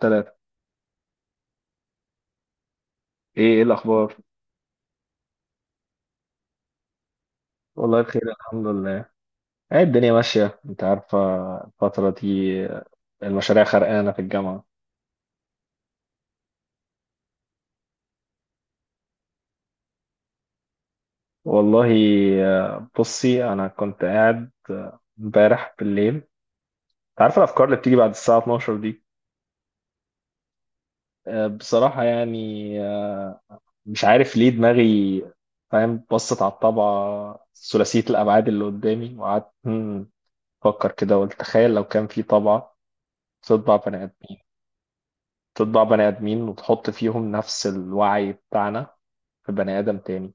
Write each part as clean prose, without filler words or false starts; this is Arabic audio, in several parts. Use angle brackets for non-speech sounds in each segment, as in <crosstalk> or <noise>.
ثلاثة. ايه الاخبار؟ والله بخير، الحمد لله. ايه الدنيا ماشية. انت عارفة الفترة دي المشاريع خرقانة في الجامعة. والله، بصي، انا كنت قاعد امبارح بالليل. انت عارفة الافكار اللي بتيجي بعد الساعة 12 دي؟ بصراحة يعني، مش عارف ليه دماغي، فاهم، بصت على الطبعة ثلاثية الابعاد اللي قدامي، وقعدت افكر كده، وقلت تخيل لو كان في طبعة تطبع بني ادمين تطبع بني آدمين وتحط فيهم نفس الوعي بتاعنا في بني آدم تاني.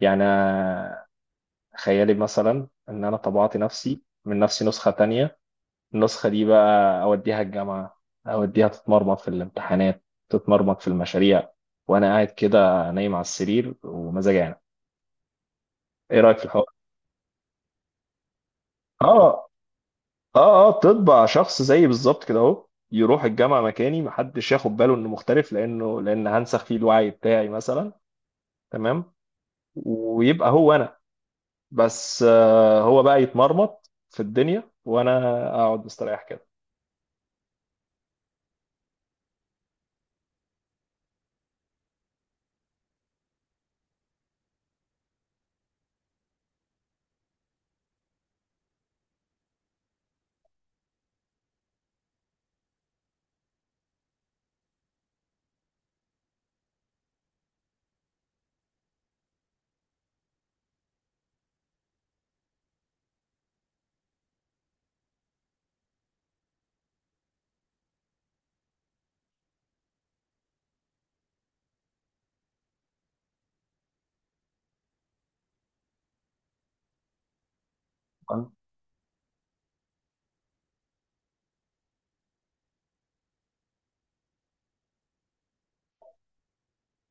يعني أنا خيالي مثلا إن أنا طبعت نفسي من نفسي نسخة تانية. النسخة دي بقى أوديها الجامعة، أوديها تتمرمط في الامتحانات، تتمرمط في المشاريع، وأنا قاعد كده نايم على السرير ومزاجي يعني. إيه رأيك في الحوار؟ آه، آه، آه، تطبع شخص زيي بالظبط كده أهو، يروح الجامعة مكاني، محدش ياخد باله إنه مختلف لأنه، لأن هنسخ فيه الوعي بتاعي مثلا. تمام، ويبقى هو أنا. بس هو بقى يتمرمط في الدنيا، وانا اقعد مستريح كده. ما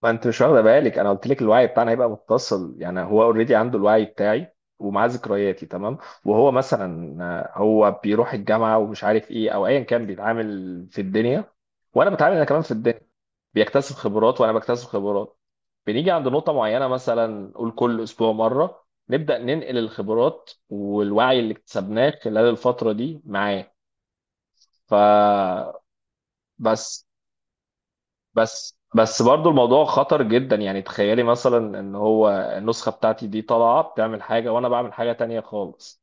ما انت مش واخده بالك، انا قلت لك الوعي بتاعنا هيبقى متصل. يعني هو اوريدي عنده الوعي بتاعي ومعاه ذكرياتي، تمام. وهو مثلا هو بيروح الجامعه، ومش عارف ايه او ايا كان، بيتعامل في الدنيا، وانا بتعامل انا كمان في الدنيا. بيكتسب خبرات وانا بكتسب خبرات. بنيجي عند نقطه معينه، مثلا قول كل اسبوع مره نبدا ننقل الخبرات والوعي اللي اكتسبناه خلال الفتره دي معاه. فبس بس بس بس برضو الموضوع خطر جدا. يعني تخيلي مثلا ان هو النسخة بتاعتي دي طالعة بتعمل حاجة وانا بعمل حاجة تانية خالص.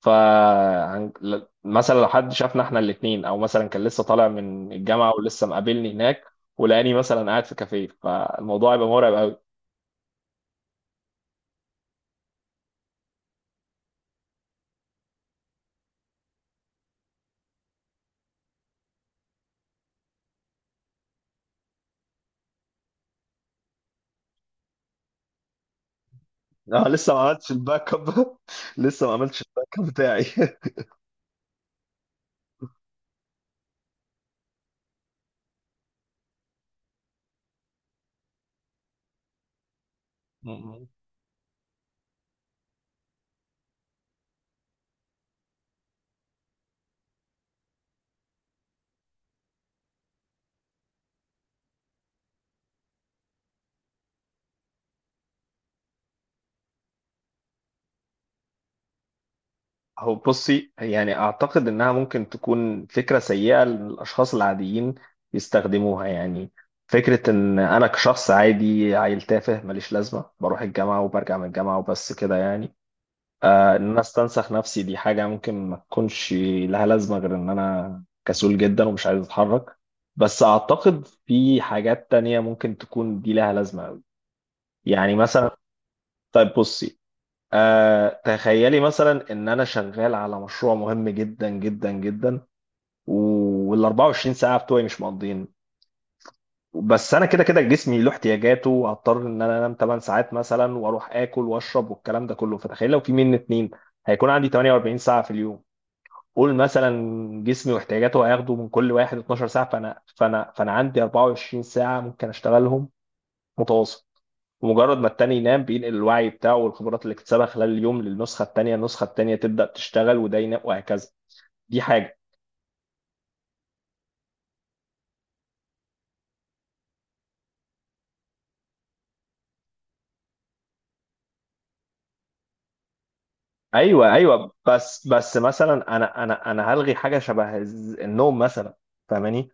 ف، مثلا لو حد شافنا احنا الاتنين، او مثلا كان لسه طالع من الجامعة ولسه مقابلني هناك ولقاني مثلا قاعد في كافيه، فالموضوع يبقى مرعب قوي. انا لسه ما عملتش الباك اب. <laughs> لسه ما عملتش الباك اب بتاعي. <laughs> هو بصي، يعني اعتقد انها ممكن تكون فكره سيئه للاشخاص العاديين يستخدموها يعني. فكره ان انا كشخص عادي، عيل تافه ماليش لازمه، بروح الجامعه وبرجع من الجامعه وبس كده يعني، آه، ان انا استنسخ نفسي، دي حاجه ممكن ما تكونش لها لازمه غير ان انا كسول جدا ومش عايز اتحرك. بس اعتقد في حاجات تانية ممكن تكون دي لها لازمه قوي. يعني مثلا، طيب بصي، تخيلي مثلا ان انا شغال على مشروع مهم جدا جدا جدا، وال 24 ساعه بتوعي مش مقضيين. بس انا كده كده جسمي له احتياجاته، وهضطر ان انا انام 8 ساعات مثلا، واروح اكل واشرب والكلام ده كله. فتخيل لو في مني اتنين، هيكون عندي 48 ساعه في اليوم. قول مثلا جسمي واحتياجاته هياخدوا من كل واحد 12 ساعه، فانا عندي 24 ساعه ممكن اشتغلهم متواصل. ومجرد ما التاني ينام بينقل الوعي بتاعه والخبرات اللي اكتسبها خلال اليوم للنسخة التانية، النسخة التانية تبدأ تشتغل وده ينام، وهكذا. دي حاجة. ايوه، ايوه، بس مثلا انا هلغي حاجة شبه النوم مثلا. فاهماني؟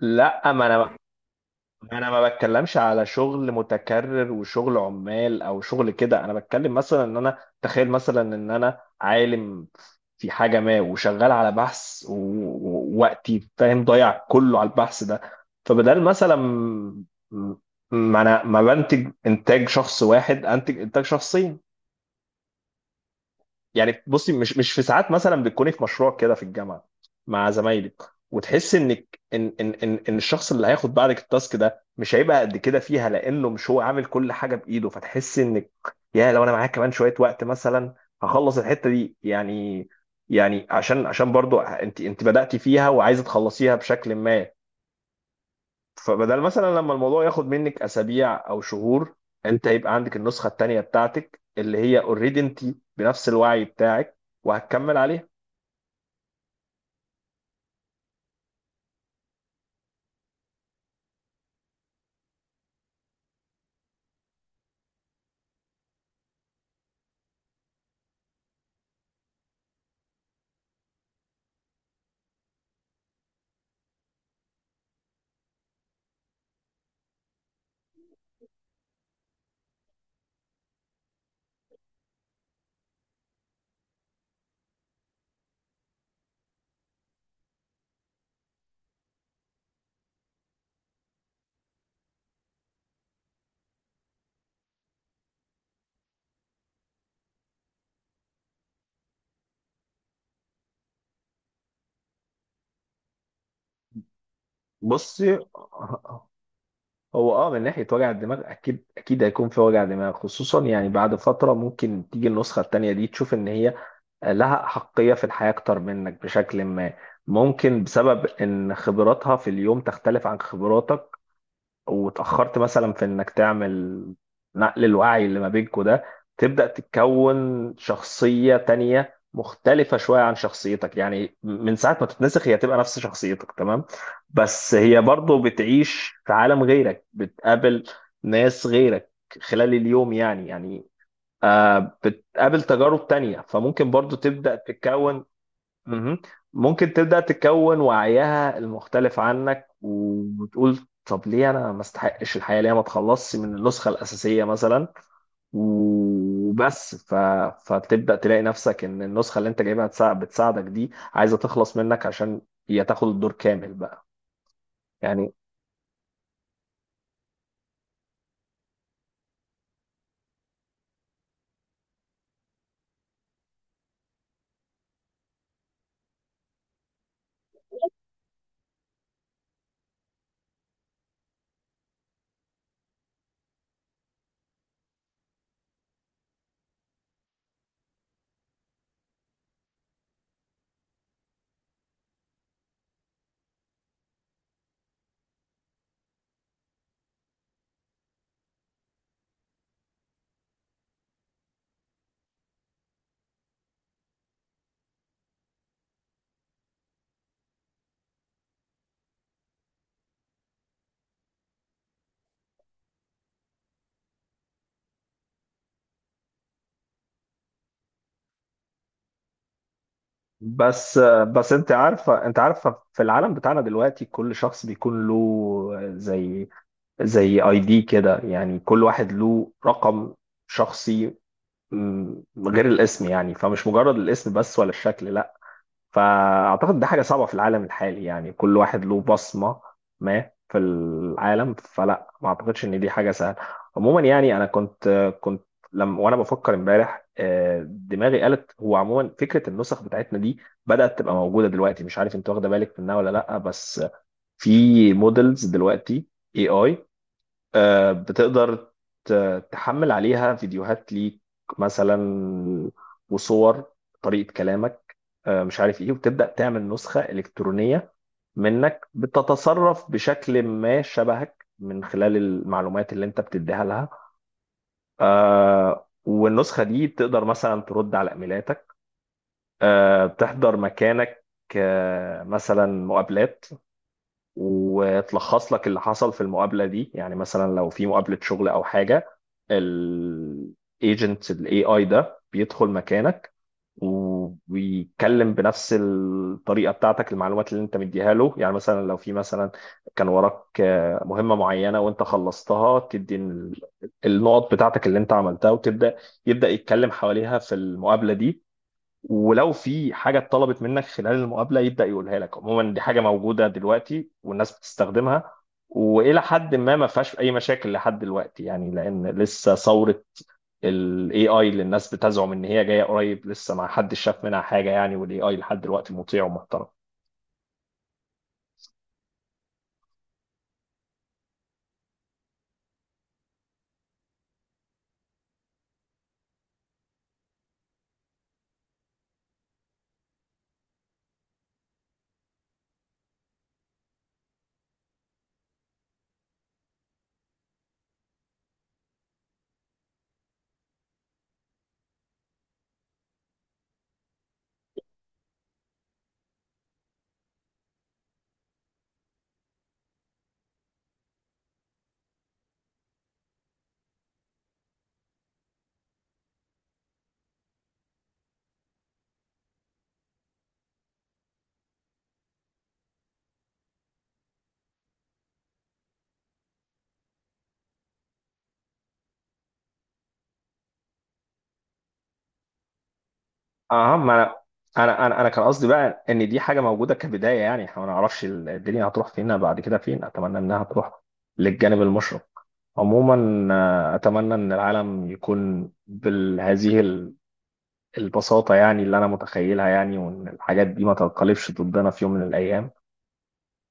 لا، ما انا ما بتكلمش على شغل متكرر وشغل عمال او شغل كده. انا بتكلم مثلا ان انا تخيل مثلا ان انا عالم في حاجه ما وشغال على بحث، ووقتي فاهم ضايع كله على البحث ده. فبدل مثلا ما انا ما بنتج انتاج شخص واحد، انتج انتاج شخصين. يعني بصي، مش في ساعات مثلا بتكوني في مشروع كده في الجامعه مع زمايلك، وتحس انك ان الشخص اللي هياخد بعدك التاسك ده مش هيبقى قد كده فيها لانه مش هو عامل كل حاجه بايده، فتحس انك يا لو انا معاك كمان شويه وقت مثلا هخلص الحته دي يعني، يعني عشان برضو انت بدأتي فيها وعايزه تخلصيها بشكل ما. فبدل مثلا لما الموضوع ياخد منك اسابيع او شهور، انت هيبقى عندك النسخه التانيه بتاعتك اللي هي اوريدي انت بنفس الوعي بتاعك، وهتكمل عليها. بصي، هو اه، من ناحيه وجع الدماغ، اكيد اكيد هيكون في وجع دماغ، خصوصا يعني بعد فتره ممكن تيجي النسخه التانيه دي تشوف ان هي لها حقيه في الحياه اكتر منك بشكل ما، ممكن بسبب ان خبراتها في اليوم تختلف عن خبراتك وتأخرت مثلا في إنك تعمل نقل الوعي اللي ما بينكوا ده. تبدأ تتكون شخصية تانية مختلفة شوية عن شخصيتك. يعني من ساعة ما تتنسخ هي تبقى نفس شخصيتك تمام، بس هي برضو بتعيش في عالم غيرك، بتقابل ناس غيرك خلال اليوم يعني، آه بتقابل تجارب تانية، فممكن برضو تبدأ تتكون. مهم. ممكن تبدأ تكون وعيها المختلف عنك، وتقول طب ليه انا ما استحقش الحياة، ليه ما اتخلصش من النسخة الأساسية مثلا، وبس ف... فتبدأ تلاقي نفسك ان النسخة اللي انت جايبها بتساعدك دي عايزة تخلص منك عشان هي تاخد الدور كامل بقى. يعني بس بس انت عارفة، انت عارفة في العالم بتاعنا دلوقتي كل شخص بيكون له زي اي دي كده، يعني كل واحد له رقم شخصي، مم، غير الاسم، يعني فمش مجرد الاسم بس ولا الشكل، لا. فاعتقد ده حاجه صعبه في العالم الحالي، يعني كل واحد له بصمه ما في العالم، فلا، ما اعتقدش ان دي حاجه سهله. عموما يعني انا كنت، كنت لما وانا بفكر امبارح دماغي قالت، هو عموما فكره النسخ بتاعتنا دي بدات تبقى موجوده دلوقتي، مش عارف انت واخده بالك منها ولا لا. بس في مودلز دلوقتي. اي، اي، بتقدر تحمل عليها فيديوهات ليك مثلا، وصور، طريقة كلامك، مش عارف ايه، وتبدأ تعمل نسخة إلكترونية منك بتتصرف بشكل ما شبهك من خلال المعلومات اللي انت بتديها لها. والنسخة دي تقدر مثلا ترد على إيميلاتك، تحضر مكانك، مثلا مقابلات، وتلخص لك اللي حصل في المقابله دي. يعني مثلا لو في مقابله شغل او حاجه، الايجنت الاي اي ده بيدخل مكانك، وبيتكلم بنفس الطريقه بتاعتك، المعلومات اللي انت مديها له. يعني مثلا لو في مثلا كان وراك مهمه معينه وانت خلصتها، تدي النقط بتاعتك اللي انت عملتها، يبدا يتكلم حواليها في المقابله دي. ولو في حاجة اتطلبت منك خلال المقابلة يبدأ يقولها لك. عموما دي حاجة موجودة دلوقتي والناس بتستخدمها، وإلى حد ما ما فيهاش أي مشاكل لحد دلوقتي، يعني لأن لسه ثورة ال AI اللي الناس بتزعم إن هي جاية قريب لسه ما حدش شاف منها حاجة يعني، وال AI لحد دلوقتي مطيع ومحترم. أهم، أنا، أنا كان قصدي بقى إن دي حاجة موجودة كبداية. يعني إحنا ما نعرفش الدنيا هتروح فينا بعد كده فين، أتمنى إنها تروح للجانب المشرق عموما. أتمنى إن العالم يكون بهذه البساطة، يعني اللي أنا متخيلها، يعني وإن الحاجات دي ما تنقلبش ضدنا في يوم من الأيام،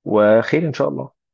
وخير إن شاء الله.